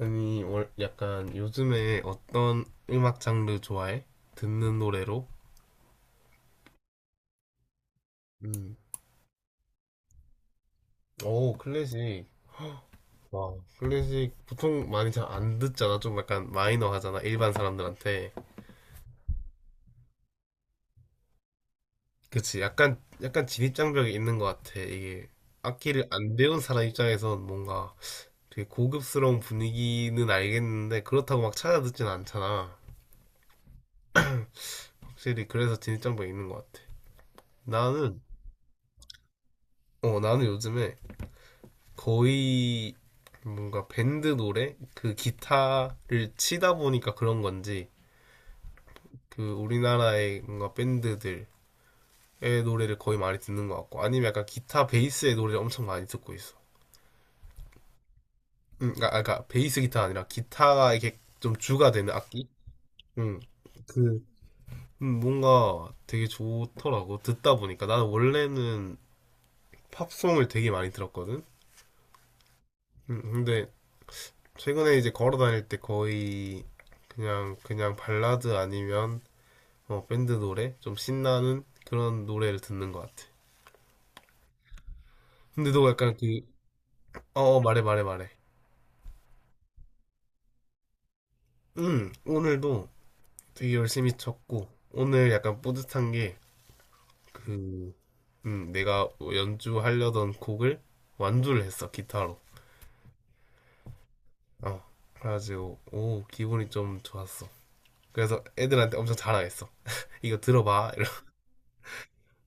아니, 월, 약간 요즘에 어떤 음악 장르 좋아해? 듣는 노래로? 음. 오, 클래식. 와, 클래식 보통 많이 잘 안 듣잖아. 좀 약간 마이너 하잖아. 일반 사람들한테. 그치. 약간 진입장벽이 있는 것 같아. 이게 악기를 안 배운 사람 입장에선 뭔가 되게 고급스러운 분위기는 알겠는데 그렇다고 막 찾아 듣진 않잖아. 확실히 그래서 진입장벽이 있는 것 같아. 나는, 나는 요즘에 거의 뭔가 밴드 노래 그 기타를 치다 보니까 그런 건지 그 우리나라의 뭔가 밴드들의 노래를 거의 많이 듣는 것 같고 아니면 약간 기타 베이스의 노래를 엄청 많이 듣고 있어. 그러니까, 아, 그러니까 베이스 기타가 아니라 기타가 이게 좀 주가 되는 악기. 음, 그 뭔가 되게 좋더라고 듣다 보니까 나는 원래는 팝송을 되게 많이 들었거든. 근데 최근에 이제 걸어 다닐 때 거의 그냥 발라드 아니면 어, 밴드 노래? 좀 신나는 그런 노래를 듣는 것 같아. 근데 너 약간 그, 어, 어, 말해. 응, 오늘도 되게 열심히 쳤고, 오늘 약간 뿌듯한 게, 그, 내가 연주하려던 곡을 완주를 했어, 기타로. 어, 그래가지고, 오, 기분이 좀 좋았어. 그래서 애들한테 엄청 자랑했어. 이거 들어봐.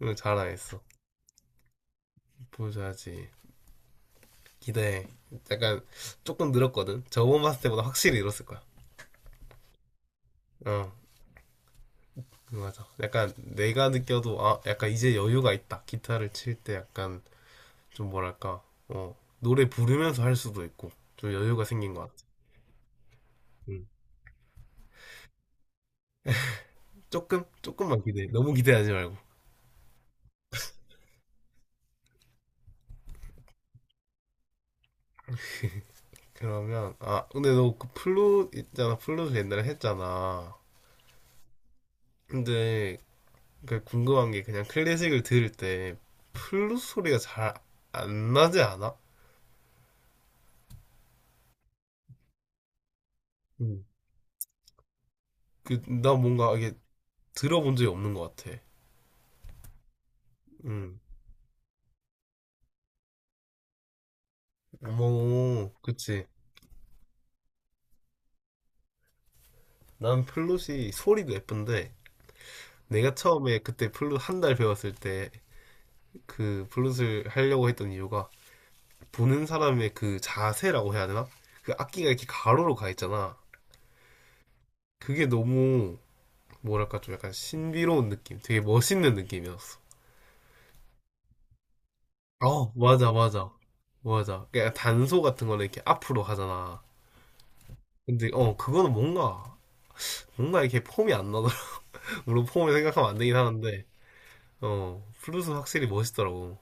이러면 자랑했어. 보여줘야지. 기대해. 약간 조금 늘었거든. 저번 봤을 때보다 확실히 늘었을 거야. 어. 맞아. 약간 내가 느껴도 아, 약간 이제 여유가 있다. 기타를 칠 때 약간 좀 뭐랄까, 어, 노래 부르면서 할 수도 있고 좀 여유가 생긴 것 같아. 음. 조금만 기대. 너무 기대하지 말고. 그러면 아, 근데 너 그 플룻 있잖아. 플룻을 옛날에 했잖아. 근데 그 궁금한 게 그냥 클래식을 들을 때 플룻 소리가 잘 안 나지 않아? 음. 그 나 뭔가 이게 들어본 적이 없는 것 같아. 음. 뭐, 그치. 난 플룻이 소리도 예쁜데 내가 처음에 그때 플룻 한 달 배웠을 때 그 플룻을 하려고 했던 이유가 보는 사람의 그 자세라고 해야 되나? 그 악기가 이렇게 가로로 가 있잖아. 그게 너무 뭐랄까 좀 약간 신비로운 느낌, 되게 멋있는 느낌이었어. 어, 맞아. 그러니까 단소 같은 거는 이렇게 앞으로 가잖아. 근데 어, 그거는 뭔가 이렇게 폼이 안 나더라. 물론 폼을 생각하면 안 되긴 하는데, 어, 플룻은 확실히 멋있더라고.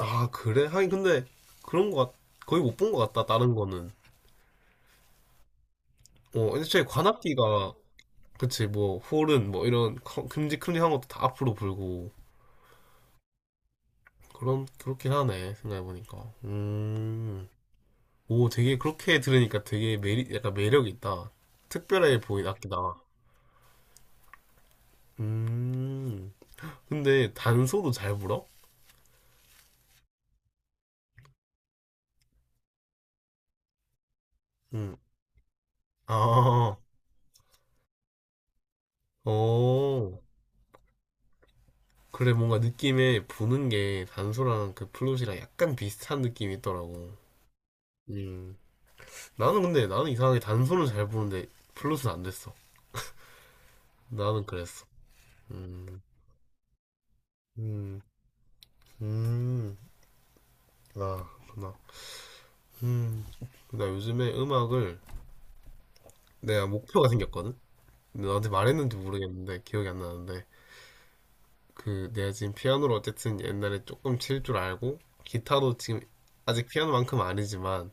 아, 그래? 하긴 근데 그런 거 같, 거의 못 본 거 같다, 다른 거는. 어, 애초에 관악기가, 그치, 뭐, 홀은 뭐 이런 큼직큼직한 것도 다 앞으로 불고, 그런, 그렇긴 하네, 생각해보니까. 오, 되게 그렇게 들으니까 되게 매리, 약간 매력 있다. 특별해 보인 악기다. 음, 근데 단소도 잘 불어? 음, 아, 어. 그래, 뭔가 느낌에 부는 게 단소랑 그 플룻이랑 약간 비슷한 느낌이 있더라고. 음. 나는 근데 나는 이상하게 단수는 잘 보는데 플러스는 안 됐어. 나는 그랬어. 음. 음. 음. 아, 그렇구나. 음. 나 요즘에 음악을 내가 목표가 생겼거든. 근데 너한테 말했는지 모르겠는데 기억이 안 나는데 그 내가 지금 피아노를 어쨌든 옛날에 조금 칠 줄 알고 기타도 지금 아직 피아노만큼은 아니지만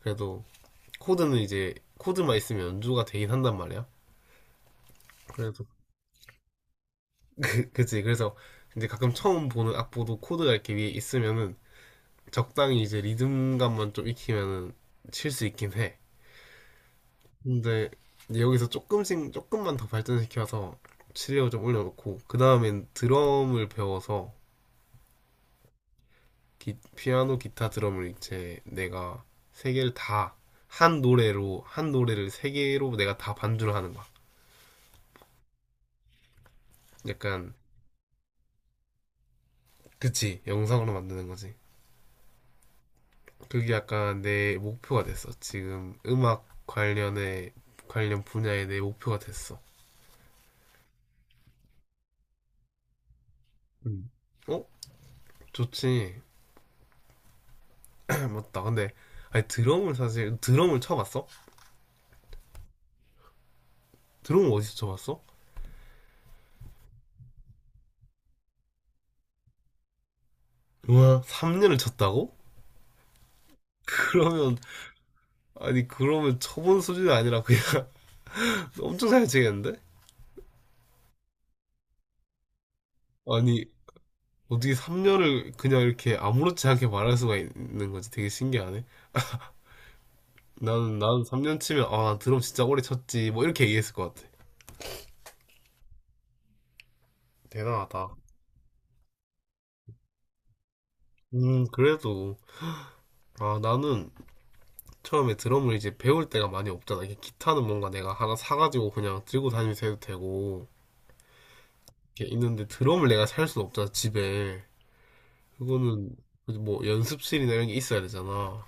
그래도 코드는 이제 코드만 있으면 연주가 되긴 한단 말이야. 그래서 그치 그래서 이제 가끔 처음 보는 악보도 코드가 이렇게 위에 있으면은 적당히 이제 리듬감만 좀 익히면은 칠 수 있긴 해. 근데 여기서 조금씩 조금만 더 발전시켜서 실력을 좀 올려놓고 그 다음엔 드럼을 배워서 피아노, 기타, 드럼을 이제 내가 세 개를 다 한 노래로 한 노래를 세 개로 내가 다 반주를 하는 거야. 약간 그치 영상으로 만드는 거지. 그게 약간 내 목표가 됐어. 지금 음악 관련의 관련 분야의 내 목표가 됐어. 음. 어? 좋지. 맞다. 근데 아니 드럼을 사실 드럼을 쳐봤어? 드럼을 어디서 쳐봤어? 우와. 3년을 쳤다고? 그러면 아니 그러면 쳐본 수준이 아니라 그냥 엄청 잘 치겠는데? 아니 어떻게 3년을 그냥 이렇게 아무렇지 않게 말할 수가 있는 거지? 되게 신기하네. 나는 3년 치면 아 드럼 진짜 오래 쳤지 뭐 이렇게 얘기했을 것 같아. 대단하다. 그래도 아 나는 처음에 드럼을 이제 배울 때가 많이 없잖아. 이게 기타는 뭔가 내가 하나 사가지고 그냥 들고 다니면서 해도 되고 이렇게 있는데 드럼을 내가 살 수는 없잖아, 집에. 그거는 뭐 연습실이나 이런 게 있어야 되잖아.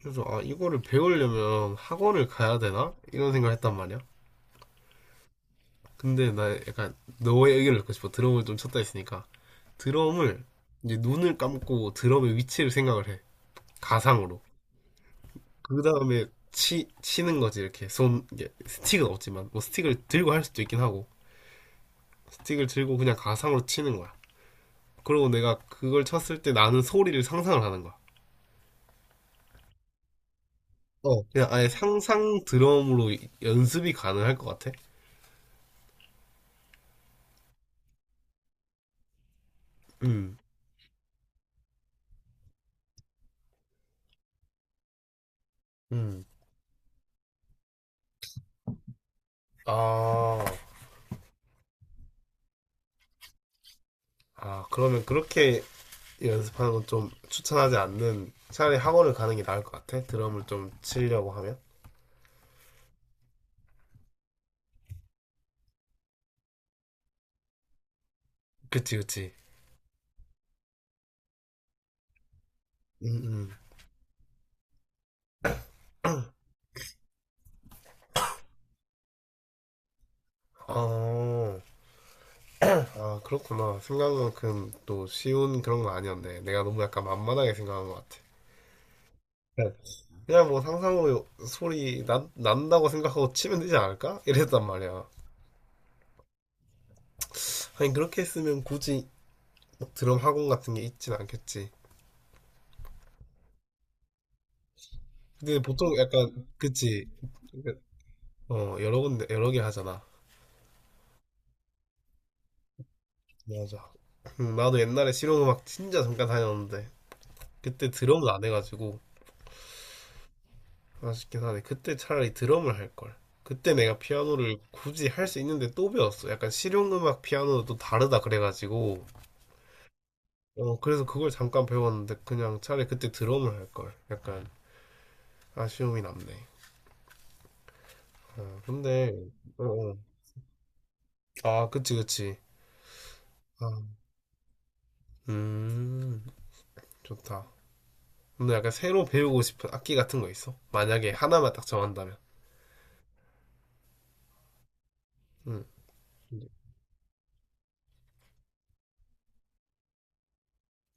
그래서 아, 이거를 배우려면 학원을 가야 되나? 이런 생각을 했단 말이야. 근데 나 약간 너의 의견을 듣고 싶어. 드럼을 좀 쳤다 했으니까. 드럼을 이제 눈을 감고 드럼의 위치를 생각을 해. 가상으로. 그 다음에 치는 거지, 이렇게. 손, 이게 스틱은 없지만, 뭐 스틱을 들고 할 수도 있긴 하고, 스틱을 들고 그냥 가상으로 치는 거야. 그리고 내가 그걸 쳤을 때 나는 소리를 상상을 하는 거야. 어, 그냥 아예 상상 드럼으로 연습이 가능할 것 같아. 음, 음. 아, 아, 그러면 그렇게 연습하는 건 좀 추천하지 않는 차라리 학원을 가는 게 나을 것 같아. 드럼을 좀 치려고 하면. 그치. 음, 음. 어, 아, 그렇구나. 생각만큼 또 쉬운 그런 건 아니었네. 내가 너무 약간 만만하게 생각한 것 같아. 그냥 그냥 뭐 상상으로 소리 난다고 생각하고 치면 되지 않을까? 이랬단 말이야. 아니, 그렇게 했으면 굳이 막 드럼 학원 같은 게 있진 않겠지. 근데 보통 약간 그치. 그러니까, 어 여러 군데 여러 개 하잖아. 맞아. 나도 옛날에 실용음악 진짜 잠깐 다녔는데 그때 드럼은 안 해가지고 아쉽긴 하네. 그때 차라리 드럼을 할 걸. 그때 내가 피아노를 굳이 할 수 있는데 또 배웠어. 약간 실용음악 피아노도 또 다르다 그래가지고 어 그래서 그걸 잠깐 배웠는데 그냥 차라리 그때 드럼을 할 걸. 약간 아쉬움이 남네. 어, 근데 어, 어. 아 그치. 아. 음, 좋다. 근데 약간 새로 배우고 싶은 악기 같은 거 있어? 만약에 하나만 딱 정한다면. 음.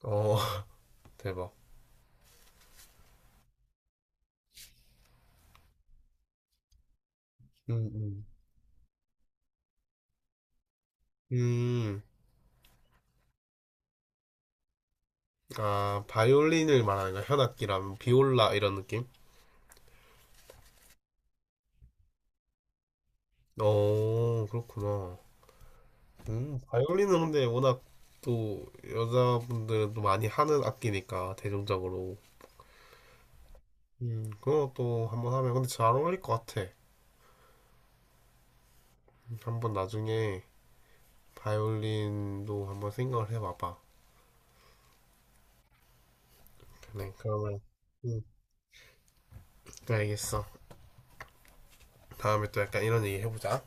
어, 대박. 음, 음. 음, 아, 바이올린을 말하는 거야? 현악기라면 비올라 이런 느낌? 어, 그렇구나. 바이올린은 근데 워낙 또 여자분들도 많이 하는 악기니까 대중적으로. 그거 또 한번 하면 근데 잘 어울릴 것 같아. 한번 나중에 바이올린도 한번 생각을 해봐봐. 네, 그러면 음, 네, 알겠어. 다음에 또 약간 이런 얘기 해보자.